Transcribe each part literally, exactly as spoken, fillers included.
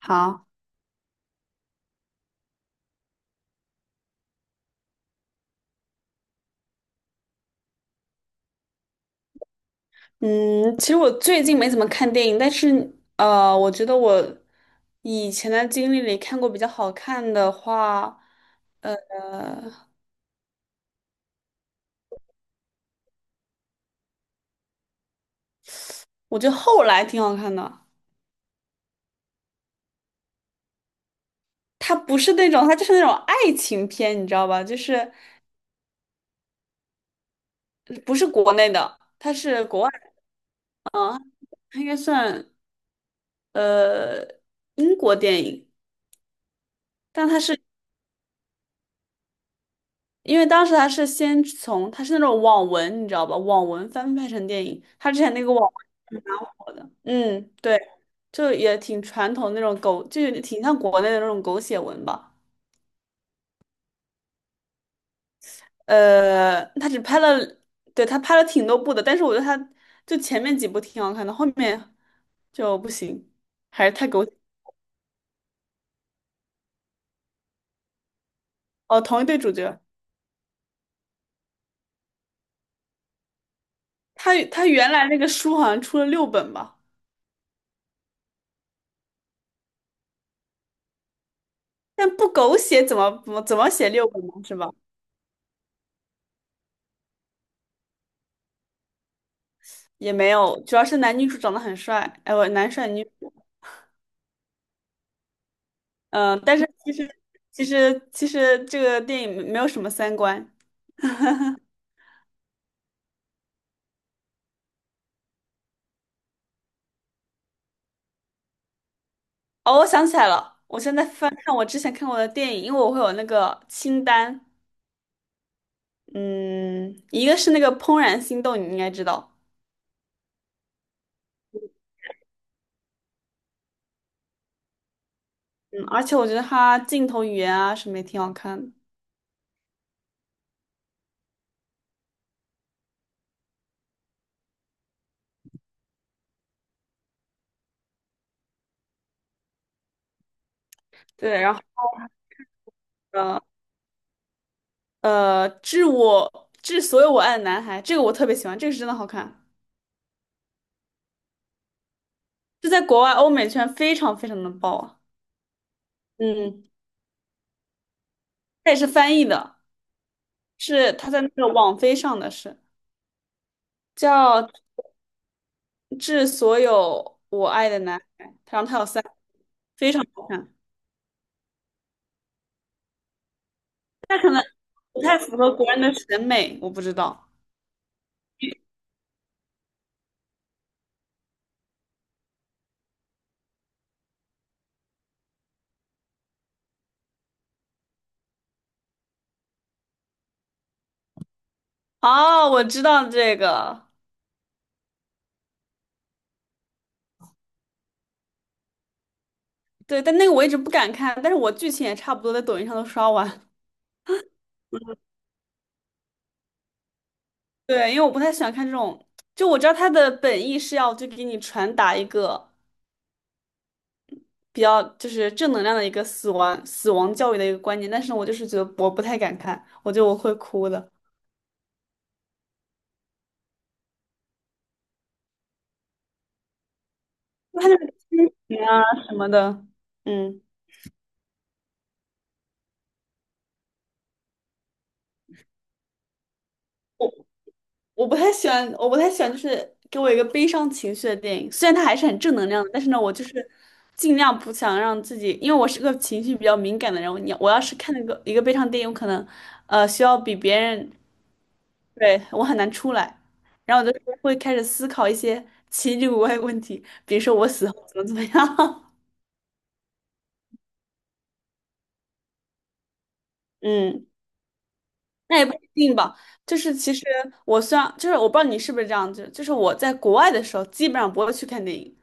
好，嗯，其实我最近没怎么看电影，但是呃，我觉得我以前的经历里看过比较好看的话，呃，我觉得后来挺好看的。它不是那种，它就是那种爱情片，你知道吧？就是不是国内的，它是国外的，嗯，它应该算呃英国电影，但它是因为当时它是先从它是那种网文，你知道吧？网文翻拍成电影，它之前那个网文蛮火的，嗯，对。就也挺传统那种狗，就是挺像国内的那种狗血文吧。呃，他只拍了，对，他拍了挺多部的，但是我觉得他就前面几部挺好看的，后面就不行，还是太狗血。哦，同一对主角，他他原来那个书好像出了六本吧，但不狗血怎么怎么怎么写六本呢？是吧？也没有，主要是男女主长得很帅，哎，我男帅女主，嗯、但是其实其实其实这个电影没有什么三观。哦，我想起来了，我现在翻看我之前看过的电影，因为我会有那个清单。嗯，一个是那个《怦然心动》，你应该知道。嗯，而且我觉得它镜头语言啊什么也挺好看的。对，然后呃呃，致我致所有我爱的男孩，这个我特别喜欢，这个是真的好看。这在国外欧美圈非常非常的爆啊。嗯，它也是翻译的，是它在那个网飞上的是叫《致所有我爱的男孩》，然后它有三，非常好看。不太符合国人的审美，我不知道。哦，我知道这个。对，但那个我一直不敢看，但是我剧情也差不多在抖音上都刷完。对，因为我不太喜欢看这种，就我知道他的本意是要就给你传达一个比较就是正能量的一个死亡死亡教育的一个观念，但是我就是觉得我不太敢看，我觉得我会哭的，他就是亲情啊什么的，嗯。我不太喜欢，我不太喜欢，就是给我一个悲伤情绪的电影。虽然它还是很正能量的，但是呢，我就是尽量不想让自己，因为我是个情绪比较敏感的人。我你我要是看那个一个悲伤电影，我可能呃需要比别人，对，我很难出来。然后我就会开始思考一些奇奇怪怪的问题，比如说我死后怎么怎么样。嗯，那也不一定吧。就是其实我虽然就是我不知道你是不是这样，就就是我在国外的时候，基本上不会去看电影。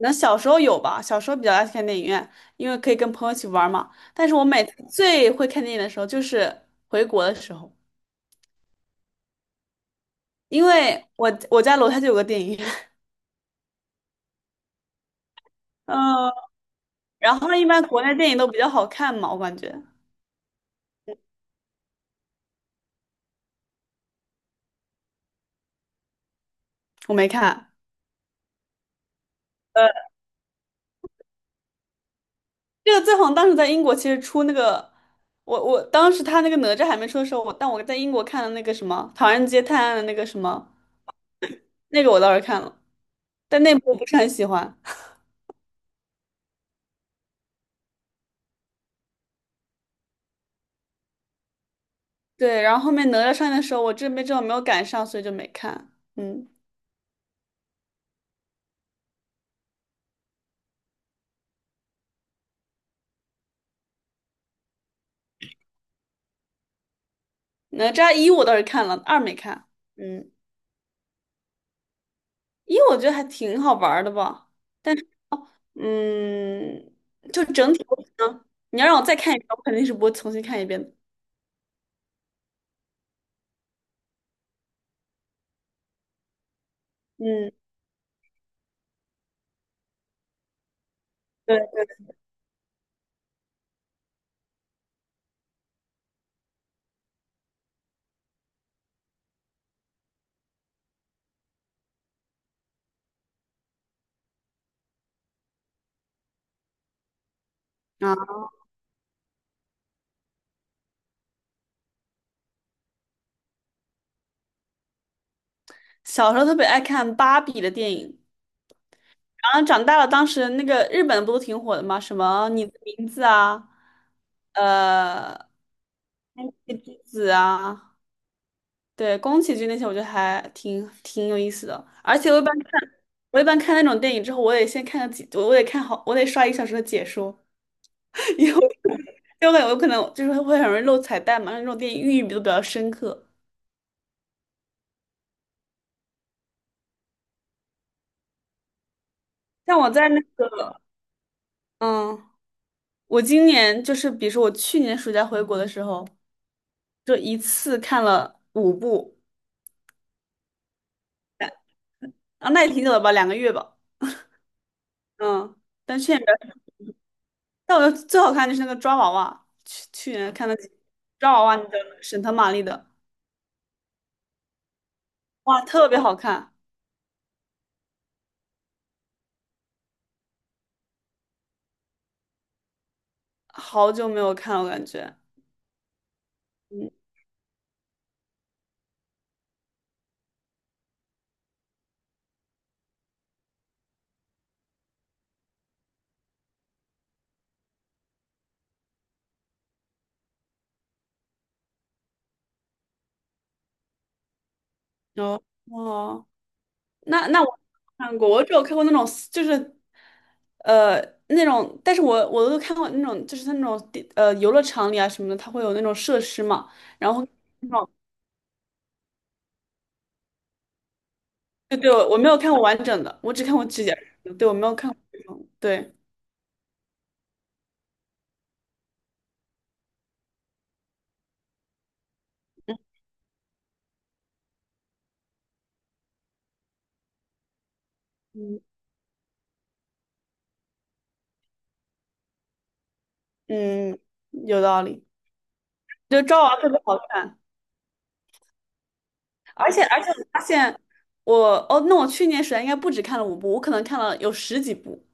那小时候有吧，小时候比较爱去看电影院，因为可以跟朋友一起玩儿嘛。但是我每次最会看电影的时候就是回国的时候，因为我我家楼下就有个电影院。嗯，然后一般国内电影都比较好看嘛，我感觉。我没看。呃，这个最红当时在英国其实出那个，我我当时他那个哪吒还没出的时候，我但我在英国看的那个什么《唐人街探案》的那个什么，那个我倒是看了，但那部我不是很喜欢。对，然后后面哪吒上映的时候，我这边正好没有赶上，所以就没看。嗯，哪吒一我倒是看了，二没看。嗯，一我觉得还挺好玩儿的吧，但是嗯，就整体我可能你要让我再看一遍，我肯定是不会重新看一遍的。嗯，对啊，小时候特别爱看芭比的电影。然后长大了，当时那个日本不都挺火的吗？什么你的名字啊，呃，天气之子啊。对，宫崎骏那些我觉得还挺挺有意思的，而且我一般看，我一般看那种电影之后，我得先看个几，我得看好，我得刷一个小时的解说。因为我因为我感觉我可能就是会很容易漏彩蛋嘛，那种电影寓意都比较深刻。像我在那个，嗯，我今年就是比如说我去年暑假回国的时候，就一次看了五部。啊，那也挺久了吧，两个月吧。嗯，但去年比较，但我觉得最好看就是那个抓娃娃，去去年看的抓娃娃，那个沈腾、马丽的。哇，特别好看。好久没有看了，我感觉。嗯，哦哦，那那我看过，我只有看过那种就是，呃，那种，但是我我都看过那种，就是它那种地呃游乐场里啊什么的，它会有那种设施嘛，然后那种，对对，我没有看过完整的，我只看过指甲，对，我没有看过这种，对。嗯嗯，有道理。就《昭娃特别好看。而且而且我发现我哦，那我去年暑假应该不止看了五部，我可能看了有十几部。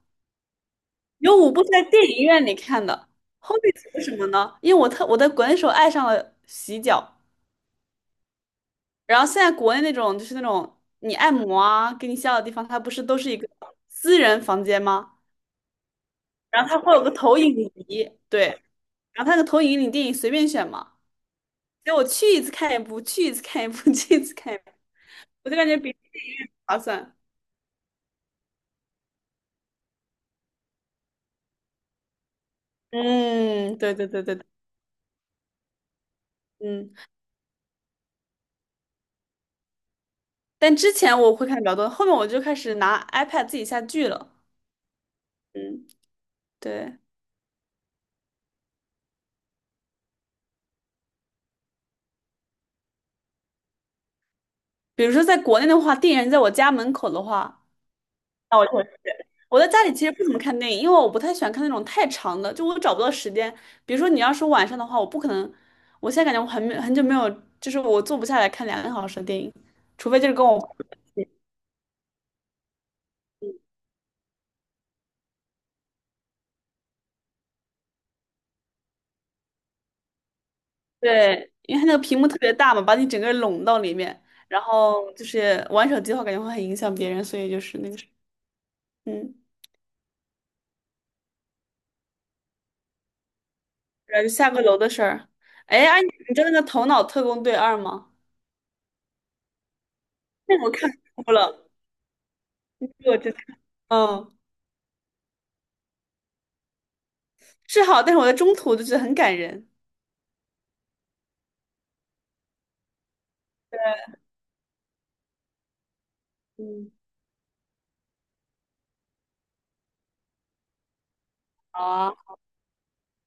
有五部是在电影院里看的，后面为什么呢？因为我特我在国内时候爱上了洗脚。然后现在国内那种就是那种你按摩啊，给你洗脚的地方，它不是都是一个私人房间吗？然后它会有个投影仪，对，然后它那个投影仪你电影随便选嘛，所以我去一次看一部，去一次看一部，去一次看一部，我就感觉比较划算。嗯，对对对对对。嗯，但之前我会看比较多，后面我就开始拿 iPad 自己下剧了。嗯，对。比如说在国内的话，电影院在我家门口的话，那我就会去。我在家里其实不怎么看电影，因为我不太喜欢看那种太长的，就我找不到时间。比如说你要是晚上的话，我不可能，我现在感觉我很没很久没有，就是我坐不下来看两个小时的电影，除非就是跟我，对，因为它那个屏幕特别大嘛，把你整个拢到里面，然后就是玩手机的话，感觉会很影响别人，所以就是那个是。嗯，然后就下个楼的事儿。哎，哎，你知道那个《头脑特工队二》吗？那个我看哭了，我真的，嗯。是好，但是我在中途就觉得很感人。嗯，好啊，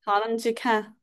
好，那你去看。